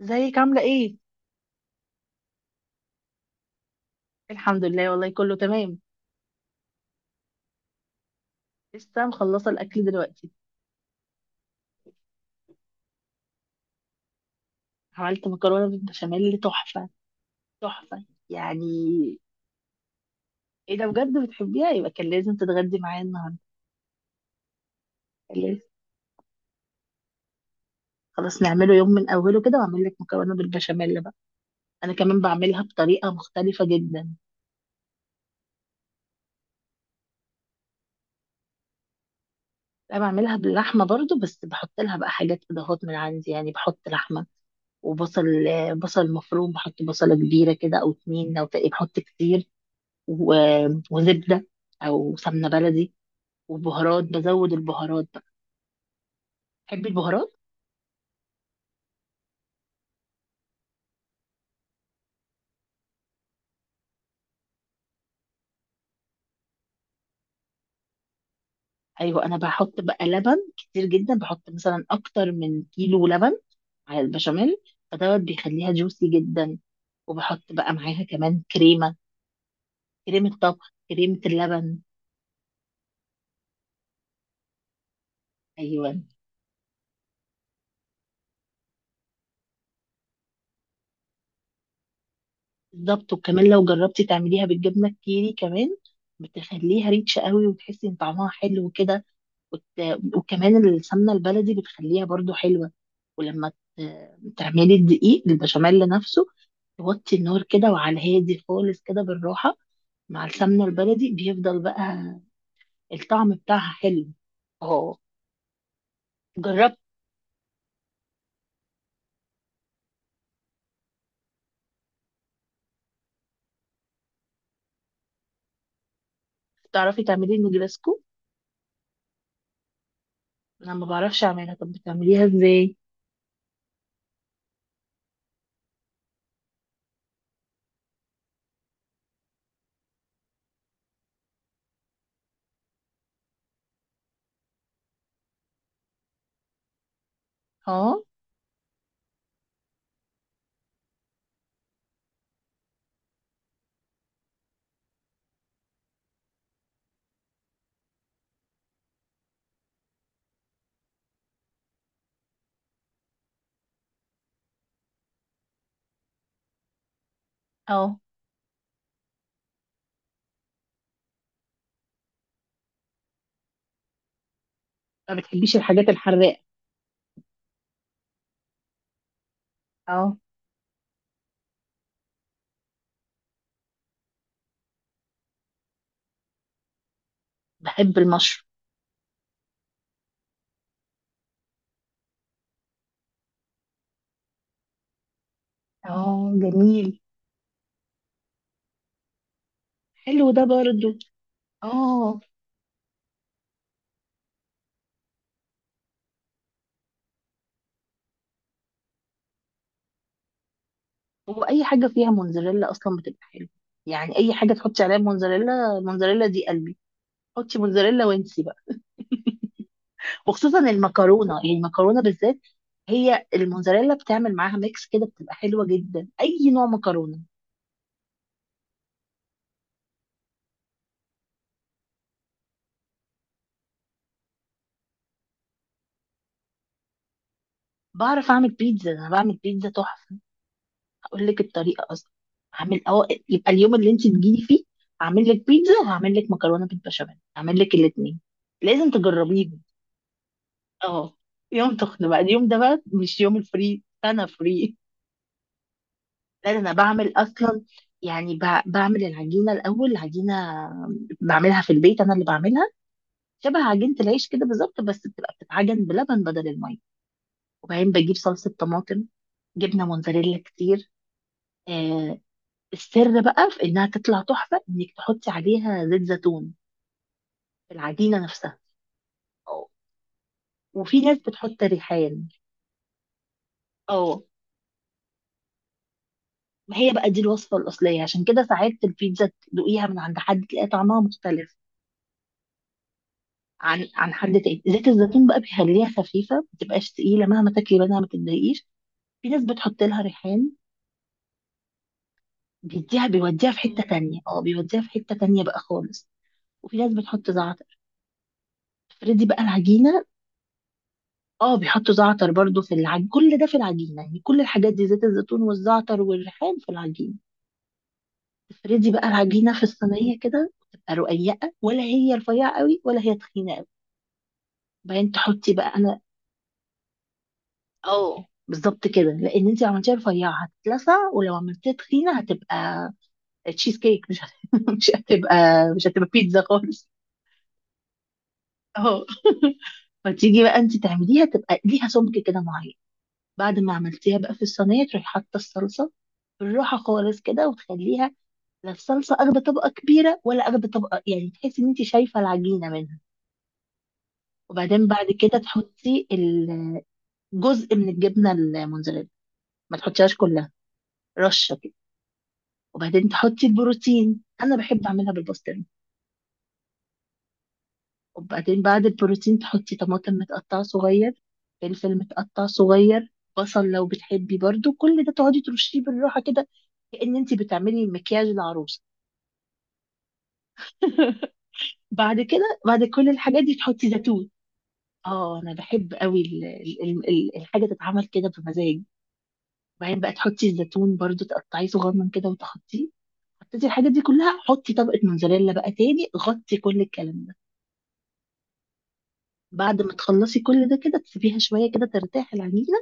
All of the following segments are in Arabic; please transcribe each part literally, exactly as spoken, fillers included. ازيك عاملة ايه؟ الحمد لله والله كله تمام. لسه مخلصة الأكل دلوقتي. عملت مكرونة بالبشاميل تحفة تحفة يعني. ايه ده بجد بتحبيها، يبقى كان لازم تتغدي معايا النهاردة. كان لازم. خلاص نعمله يوم من أوله كده وأعمل لك مكرونة بالبشاميل بقى. أنا كمان بعملها بطريقة مختلفة جدا. أنا بعملها باللحمة برضو، بس بحط لها بقى حاجات إضافات من عندي، يعني بحط لحمة وبصل. بصل مفروم، بحط بصلة كبيرة كده أو اتنين، أو تقريبا بحط كتير. و- وزبدة أو سمنة بلدي، وبهارات، بزود البهارات بقى. تحبي البهارات؟ أيوة، أنا بحط بقى لبن كتير جدا، بحط مثلا أكتر من كيلو لبن على البشاميل. فدوت بيخليها جوسي جدا. وبحط بقى معاها كمان كريمة، كريمة طبخ، كريمة اللبن. أيوة، بالظبط. وكمان لو جربتي تعمليها بالجبنة الكيري كمان بتخليها ريتش قوي، وتحسي إن طعمها حلو كده. وت- وكمان السمنة البلدي بتخليها برضو حلوة. ولما ت- تعملي الدقيق البشاميل نفسه، توطي النار كده، وعلى الهادي خالص كده، بالراحة. مع السمنة البلدي بيفضل بقى الطعم بتاعها حلو. اه جربت. تعرفي تعملي النجرسكو؟ انا ما بعرفش اعملها، طب بتعمليها ازاي؟ اه. اه. ما بتحبيش الحاجات الحراقة. اه بحب المشروم. اه جميل. حلو ده برضو. اه. هو اي حاجه فيها موزاريلا اصلا بتبقى حلوه. يعني اي حاجه تحطي عليها موزاريلا، موزاريلا دي قلبي، حطي موزاريلا وانسي بقى. وخصوصا المكرونه، يعني المكرونه بالذات، هي الموزاريلا بتعمل معاها ميكس كده، بتبقى حلوه جدا اي نوع مكرونه. بعرف اعمل بيتزا، انا بعمل بيتزا تحفه، هقول لك الطريقه اصلا. هعمل أو... يبقى اليوم اللي انت تجيلي فيه هعمل لك بيتزا، وهعمل لك مكرونه بالبشاميل، هعمل لك الاثنين، لازم تجربيهم. اه، يوم تخنق بقى، اليوم ده بقى مش يوم الفري، انا فري. لا ده انا بعمل اصلا، يعني ب- بعمل العجينه الاول. العجينه بعملها في البيت، انا اللي بعملها، شبه عجينه العيش كده بالظبط، بس بتبقى بتتعجن بلبن بدل الميه. وبعدين بجيب صلصه طماطم، جبنه موتزاريلا كتير. آه السر بقى في انها تطلع تحفه انك تحطي عليها زيت زيتون في العجينه نفسها. أو. وفي ناس بتحط ريحان. اه ما هي بقى دي الوصفه الاصليه، عشان كده ساعات البيتزا تدوقيها من عند حد تلاقي طعمها مختلف عن عن حد تاني. زيت الزيتون بقى بيخليها خفيفه، ما بتبقاش تقيله، مهما تاكلي منها ما تتضايقيش. في ناس بتحط لها ريحان، بيديها بيوديها في حته مم. تانية. اه بيوديها في حته تانية بقى خالص. وفي ناس بتحط زعتر. فردي بقى العجينه. اه بيحطوا زعتر برضو في العجينه، كل ده في العجينه، يعني كل الحاجات دي زيت الزيتون والزعتر والريحان في العجينه. تفردي بقى العجينه في الصينيه كده، تبقى رقيقه، ولا هي رفيعه قوي ولا هي تخينه قوي. بعدين تحطي بقى. انا. اه بالظبط كده، لان انت لو عملتيها رفيعه هتتلسع، ولو عملتيها تخينه هتبقى تشيز كيك، مش هت... مش هتبقى مش هتبقى بيتزا خالص. اه. فتيجي بقى انت تعمليها تبقى ليها سمك كده معين. بعد ما عملتيها بقى في الصينيه تروحي حاطه الصلصه بالراحه خالص كده، وتخليها لا الصلصه اخده طبقه كبيره، ولا اخده طبقه يعني تحسي ان انت شايفه العجينه منها. وبعدين بعد كده تحطي ال- جزء من الجبنه الموتزاريلا، ما تحطيهاش كلها، رشه كده. وبعدين تحطي البروتين، انا بحب اعملها بالبسطرمه. وبعدين بعد البروتين تحطي طماطم متقطعه صغير، فلفل متقطع صغير، بصل لو بتحبي برضو، كل ده تقعدي ترشيه بالراحه كده، كأن انت بتعملي مكياج العروسه. بعد كده، بعد كل الحاجات دي تحطي زيتون. اه انا بحب قوي ال- ال- ال- الحاجه تتعمل كده بمزاج. وبعدين بقى تحطي الزيتون برضو، تقطعيه صغنن كده وتحطيه. حطيتي الحاجات دي كلها، حطي طبقه موزاريلا بقى تاني، غطي كل الكلام ده. بعد ما تخلصي كل ده كده، تسيبيها شوية كده ترتاح العجينة،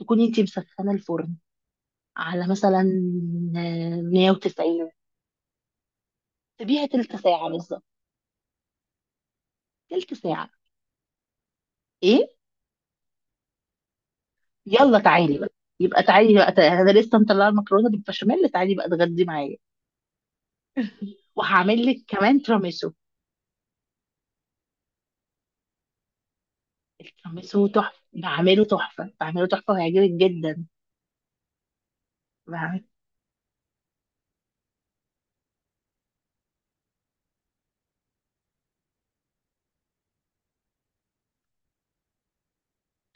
تكوني انتي مسخنة الفرن على مثلا آه، مائة وتسعين. تسيبيها تلت ساعة بالظبط. تلت ساعة. ايه يلا تعالي بقى، يبقى تعالي بقى تعالي. انا لسه مطلعة المكرونة بالبشاميل، تعالي بقى اتغدي معايا. وهعمل لك كمان تراميسو. التراميسو تحفة، بعمله تحفة، بعمله تحفة، وهيعجبك جدا. بعمل-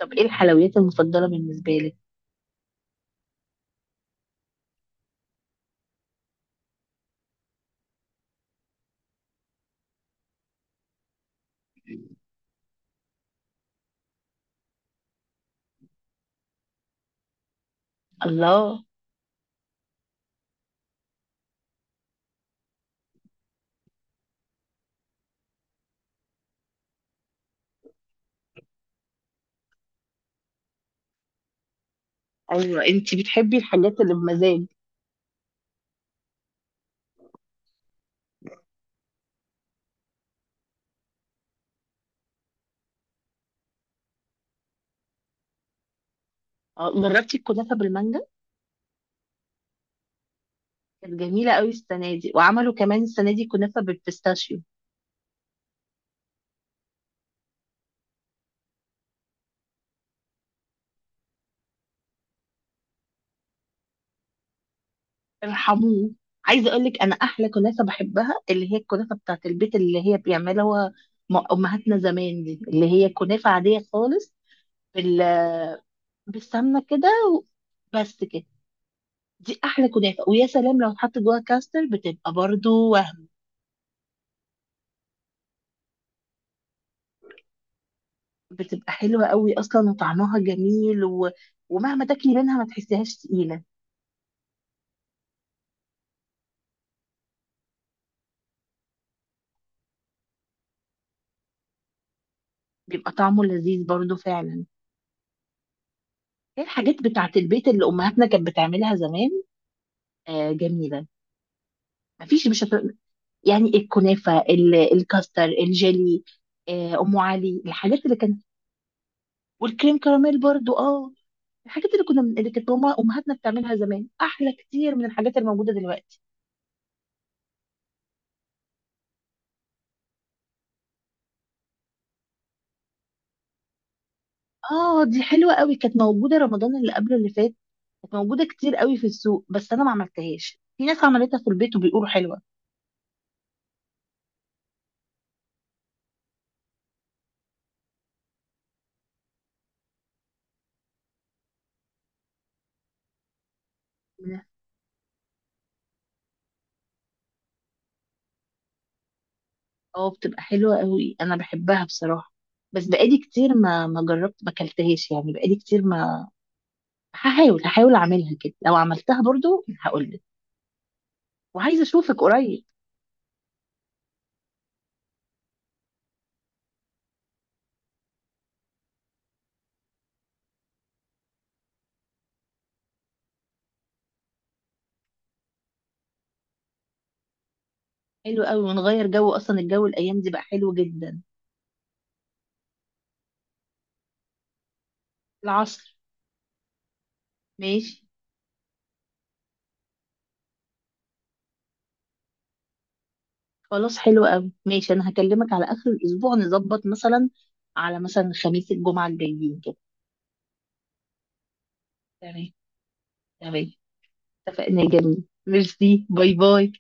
طب ايه الحلويات المفضلة بالنسبة لك؟ الله. ايوه، انتي بتحبي الحاجات اللي بمزاج. اه جربتي الكنافة بالمانجا؟ كانت جميلة قوي السنة دي. وعملوا كمان السنة دي كنافة بالبيستاشيو. ارحموه. عايزة اقول لك، انا احلى كنافة بحبها اللي هي الكنافة بتاعت البيت، اللي هي بيعملها م- امهاتنا زمان، دي اللي هي كنافة عادية خالص، بال بالسمنة كده، و- بس كده. دي احلى كنافة، ويا سلام لو اتحط جواها كاستر، بتبقى برضو وهم. بتبقى حلوة قوي اصلا، وطعمها جميل، و... ومهما تاكلي منها ما تحسيهاش تقيلة. بيبقى طعمه لذيذ برضو فعلا. هي الحاجات بتاعة البيت اللي أمهاتنا كانت بتعملها زمان. آه جميلة. مفيش مش هت... يعني الكنافة، ال- الكاستر، الجيلي، آه أم علي، الحاجات اللي كانت. والكريم كراميل برضو، اه. الحاجات اللي كنا، اللي كانت ماما أمهاتنا بتعملها زمان، أحلى كتير من الحاجات اللي موجودة دلوقتي. اه دي حلوة قوي، كانت موجودة رمضان اللي قبله اللي فات، كانت موجودة كتير قوي في السوق، بس أنا ما عملتهاش. في ناس عملتها في البيت وبيقولوا حلوة. اه بتبقى حلوة قوي، انا بحبها بصراحة. بس بقالي كتير ما ما جربت، ما اكلتهاش يعني بقالي كتير ما. هحاول هحاول اعملها كده، لو عملتها برضو هقول لك. وعايزة اشوفك قريب. حلو قوي، ونغير جو، اصلا الجو الايام دي بقى حلو جدا. العصر. ماشي. خلاص حلو قوي، ماشي. انا هكلمك على اخر الاسبوع، نظبط مثلا على مثلا خميس الجمعة الجايين كده. تمام. تمام. اتفقنا يا جميل، ميرسي، باي باي.